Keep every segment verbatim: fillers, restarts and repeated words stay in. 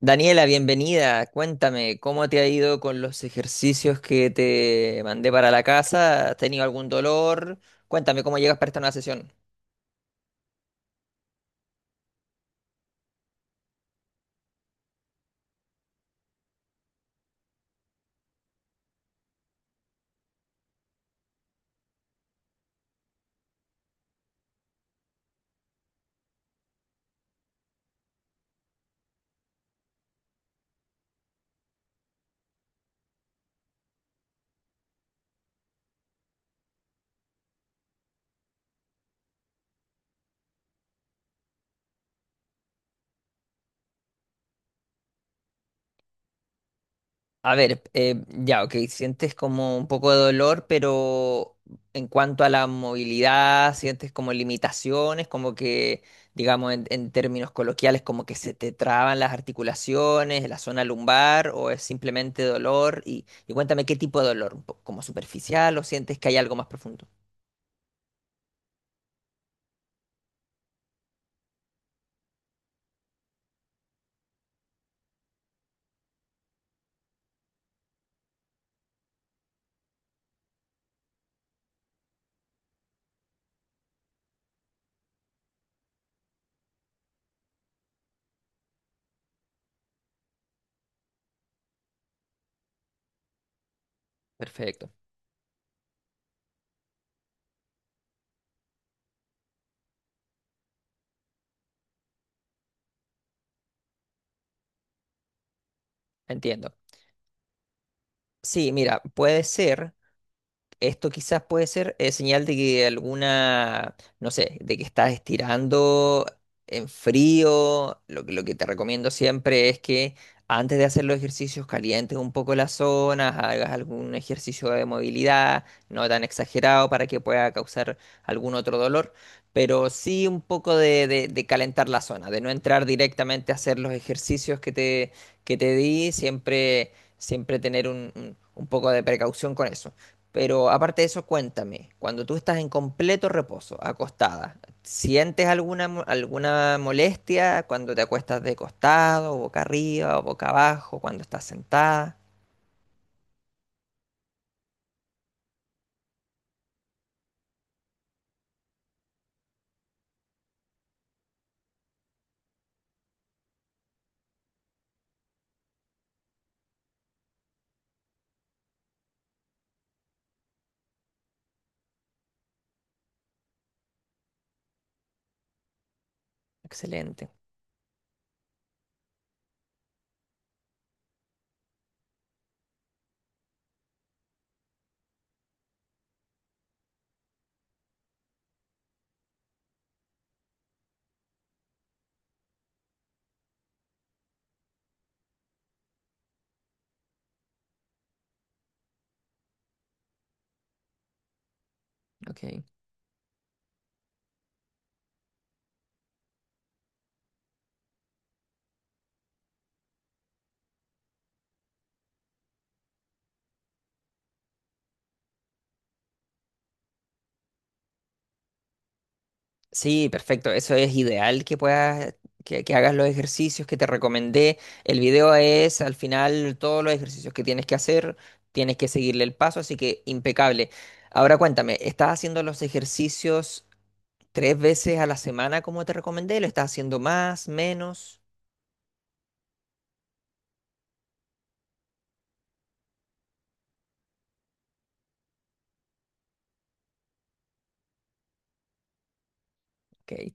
Daniela, bienvenida. Cuéntame, ¿cómo te ha ido con los ejercicios que te mandé para la casa? ¿Has tenido algún dolor? Cuéntame, ¿cómo llegas para esta nueva sesión? A ver, eh, ya, ok, sientes como un poco de dolor, pero en cuanto a la movilidad, sientes como limitaciones, como que, digamos, en, en términos coloquiales, como que se te traban las articulaciones, la zona lumbar, o es simplemente dolor. Y, y cuéntame qué tipo de dolor, un po- como superficial, o sientes que hay algo más profundo. Perfecto, entiendo. Sí, mira, puede ser. Esto quizás puede ser eh, señal de que alguna, no sé, de que estás estirando en frío. Lo, que lo que te recomiendo siempre es que antes de hacer los ejercicios calientes un poco las zonas, hagas algún ejercicio de movilidad, no tan exagerado para que pueda causar algún otro dolor, pero sí un poco de, de- de calentar la zona, de no entrar directamente a hacer los ejercicios que te, que te di, siempre, siempre tener un un- un poco de precaución con eso. Pero aparte de eso, cuéntame, cuando tú estás en completo reposo, acostada, ¿sientes alguna, mo- alguna molestia cuando te acuestas de costado, boca arriba o boca abajo, cuando estás sentada? Excelente. Ok. Sí, perfecto. Eso es ideal que puedas, que, que hagas los ejercicios que te recomendé. El video es al final todos los ejercicios que tienes que hacer, tienes que seguirle el paso, así que impecable. Ahora cuéntame, ¿estás haciendo los ejercicios? Tres veces a la semana, como te recomendé, lo estás haciendo más, menos. Ok,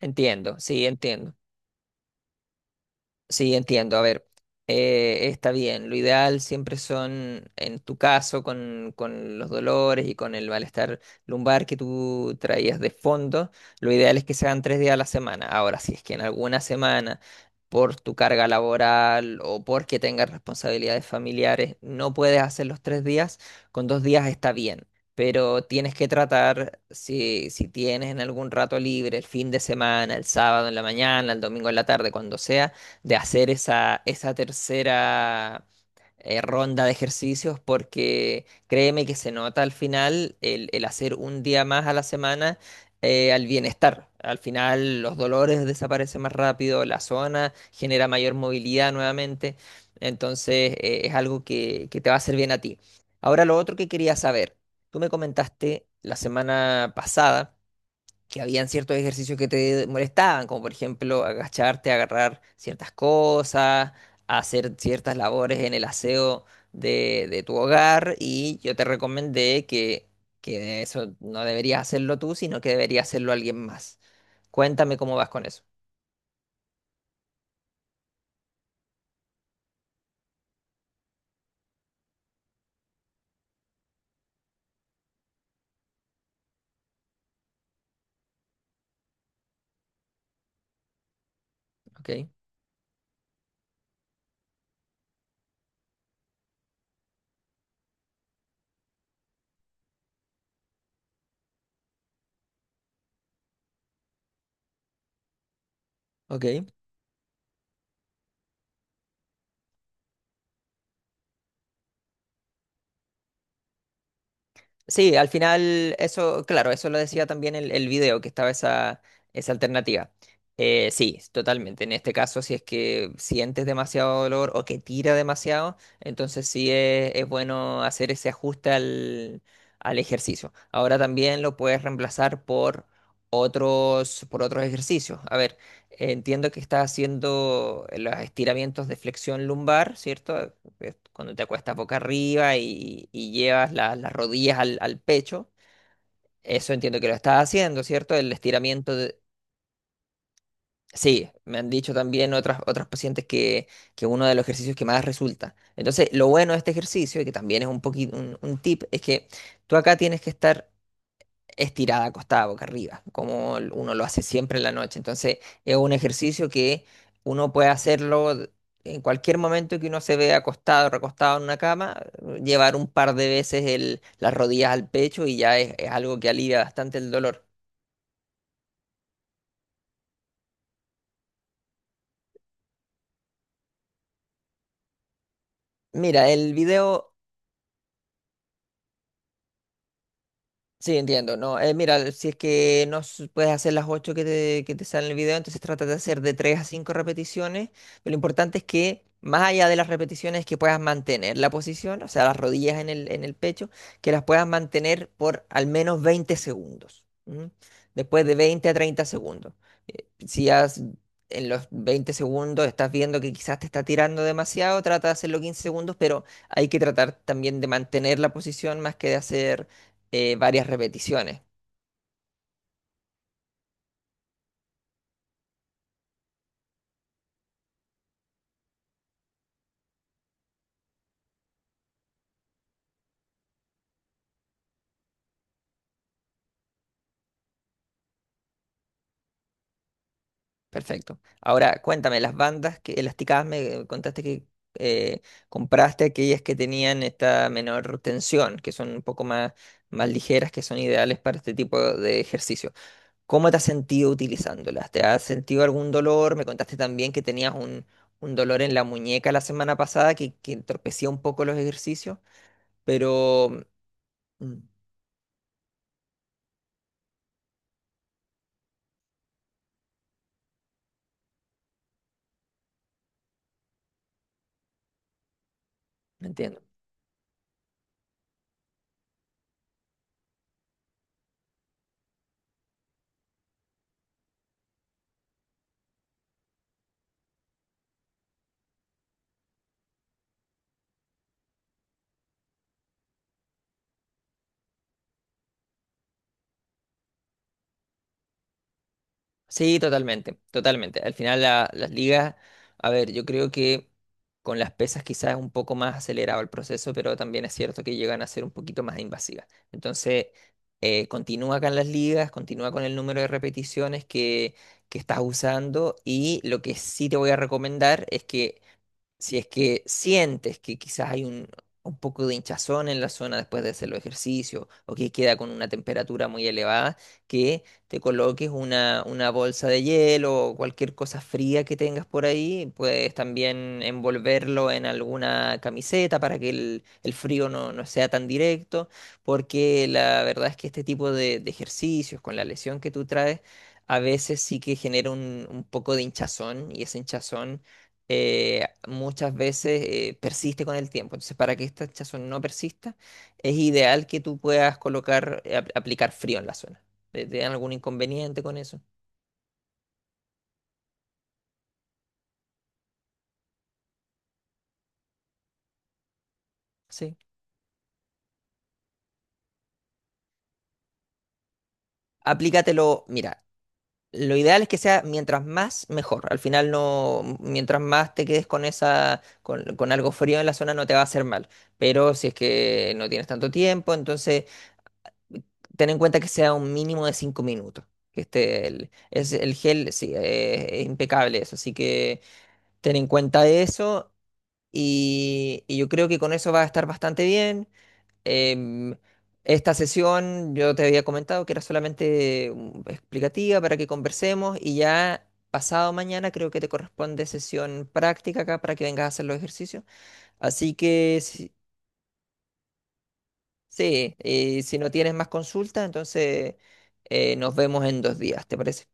entiendo, sí, entiendo. Sí, entiendo. A ver, eh, está bien. Lo ideal siempre son, en tu caso, con, con los dolores y con el malestar lumbar que tú traías de fondo, lo ideal es que sean tres días a la semana. Ahora, si es que en alguna semana, por tu carga laboral o porque tengas responsabilidades familiares, no puedes hacer los tres días, con dos días está bien. Pero tienes que tratar, si, si tienes en algún rato libre, el fin de semana, el sábado en la mañana, el domingo en la tarde, cuando sea de hacer esa, esa tercera eh, ronda de ejercicios porque créeme que se nota al final el, el hacer un día más a la semana eh, al bienestar. Al final los dolores desaparecen más rápido, la zona genera mayor movilidad nuevamente, entonces eh, es algo que, que te va a hacer bien a ti. Ahora lo otro que quería saber, tú me comentaste la semana pasada que habían ciertos ejercicios que te molestaban, como por ejemplo agacharte, agarrar ciertas cosas, hacer ciertas labores en el aseo de, de tu hogar, y yo te recomendé que, que eso no deberías hacerlo tú, sino que debería hacerlo alguien más. Cuéntame cómo vas con eso, ¿ok? Ok. Sí, al final, eso, claro, eso lo decía también el, el video, que estaba esa, esa alternativa. Eh, sí, totalmente. En este caso, si es que sientes demasiado dolor o que tira demasiado, entonces sí es, es bueno hacer ese ajuste al, al ejercicio. Ahora también lo puedes reemplazar por otros, por otros ejercicios. A ver, entiendo que estás haciendo los estiramientos de flexión lumbar, ¿cierto? Que cuando te acuestas boca arriba y, y llevas la- las rodillas al, al pecho, eso entiendo que lo estás haciendo, ¿cierto? El estiramiento de... Sí, me han dicho también otras, otras pacientes que, que uno de los ejercicios que más resulta. Entonces, lo bueno de este ejercicio, y que también es un poquito un, un tip, es que tú acá tienes que estar estirada, acostada, boca arriba, como l- uno lo hace siempre en la noche. Entonces, es un ejercicio que uno puede hacerlo d- en cualquier momento que uno se vea acostado, recostado en una cama, eh, llevar un par de veces el- las rodillas al pecho y ya es, es algo que alivia bastante el dolor. Mira, el video. Sí, entiendo, ¿no? Eh, mira, si es que no s- puedes hacer las ocho que te, que te salen en el video, entonces trata de hacer de tres a cinco repeticiones, pero lo importante es que más allá de las repeticiones que puedas mantener la posición, o sea, las rodillas en el, en el pecho, que las puedas mantener por al menos veinte segundos, ¿m? Después de veinte a treinta segundos. Eh, si has, en los veinte segundos estás viendo que quizás te está tirando demasiado, trata de hacerlo quince segundos, pero hay que tratar también de mantener la posición más que de hacer eh, varias repeticiones. Perfecto. Ahora, cuéntame, las bandas que elasticadas me contaste que eh, compraste aquellas que tenían esta menor tensión, que son un poco más, más ligeras, que son ideales para este tipo de ejercicio. ¿Cómo te has sentido utilizándolas? ¿Te has sentido algún dolor? Me contaste también que tenías un, un dolor en la muñeca la semana pasada que, que entorpecía un poco los ejercicios, pero mm, entiendo. Sí, totalmente, totalmente. Al final la- las ligas, a ver, yo creo que con las pesas quizás es un poco más acelerado el proceso, pero también es cierto que llegan a ser un poquito más invasivas. Entonces, eh, continúa con las ligas, continúa con el número de repeticiones que, que estás usando y lo que sí te voy a recomendar es que si es que sientes que quizás hay un, un poco de hinchazón en la zona después de hacer los ejercicios o que queda con una temperatura muy elevada, que te coloques una, una bolsa de hielo o cualquier cosa fría que tengas por ahí, puedes también envolverlo en alguna camiseta para que el, el frío no, no sea tan directo, porque la verdad es que este tipo de, de ejercicios con la lesión que tú traes, a veces sí que genera un, un poco de hinchazón y ese hinchazón eh, muchas veces eh, persiste con el tiempo. Entonces, para que esta hinchazón no persista, es ideal que tú puedas colocar, eh, ap- aplicar frío en la zona. ¿Te, te dan algún inconveniente con eso? Sí. Aplícatelo, mira, lo ideal es que sea mientras más, mejor. Al final no, mientras más te quedes con esa, con, con algo frío en la zona no te va a hacer mal. Pero si es que no tienes tanto tiempo, entonces ten en cuenta que sea un mínimo de cinco minutos. Que esté el, es, el gel, sí, eh, es impecable eso. Así que ten en cuenta eso. Y, y yo creo que con eso va a estar bastante bien. Em, esta sesión yo te había comentado que era solamente mm, explicativa para que conversemos. Y ya pasado mañana creo que te corresponde sesión práctica acá para que vengas a hacer los ejercicios. Así que si- sí, y si no tienes más consultas, entonces eh, nos vemos en dos días, ¿te parece?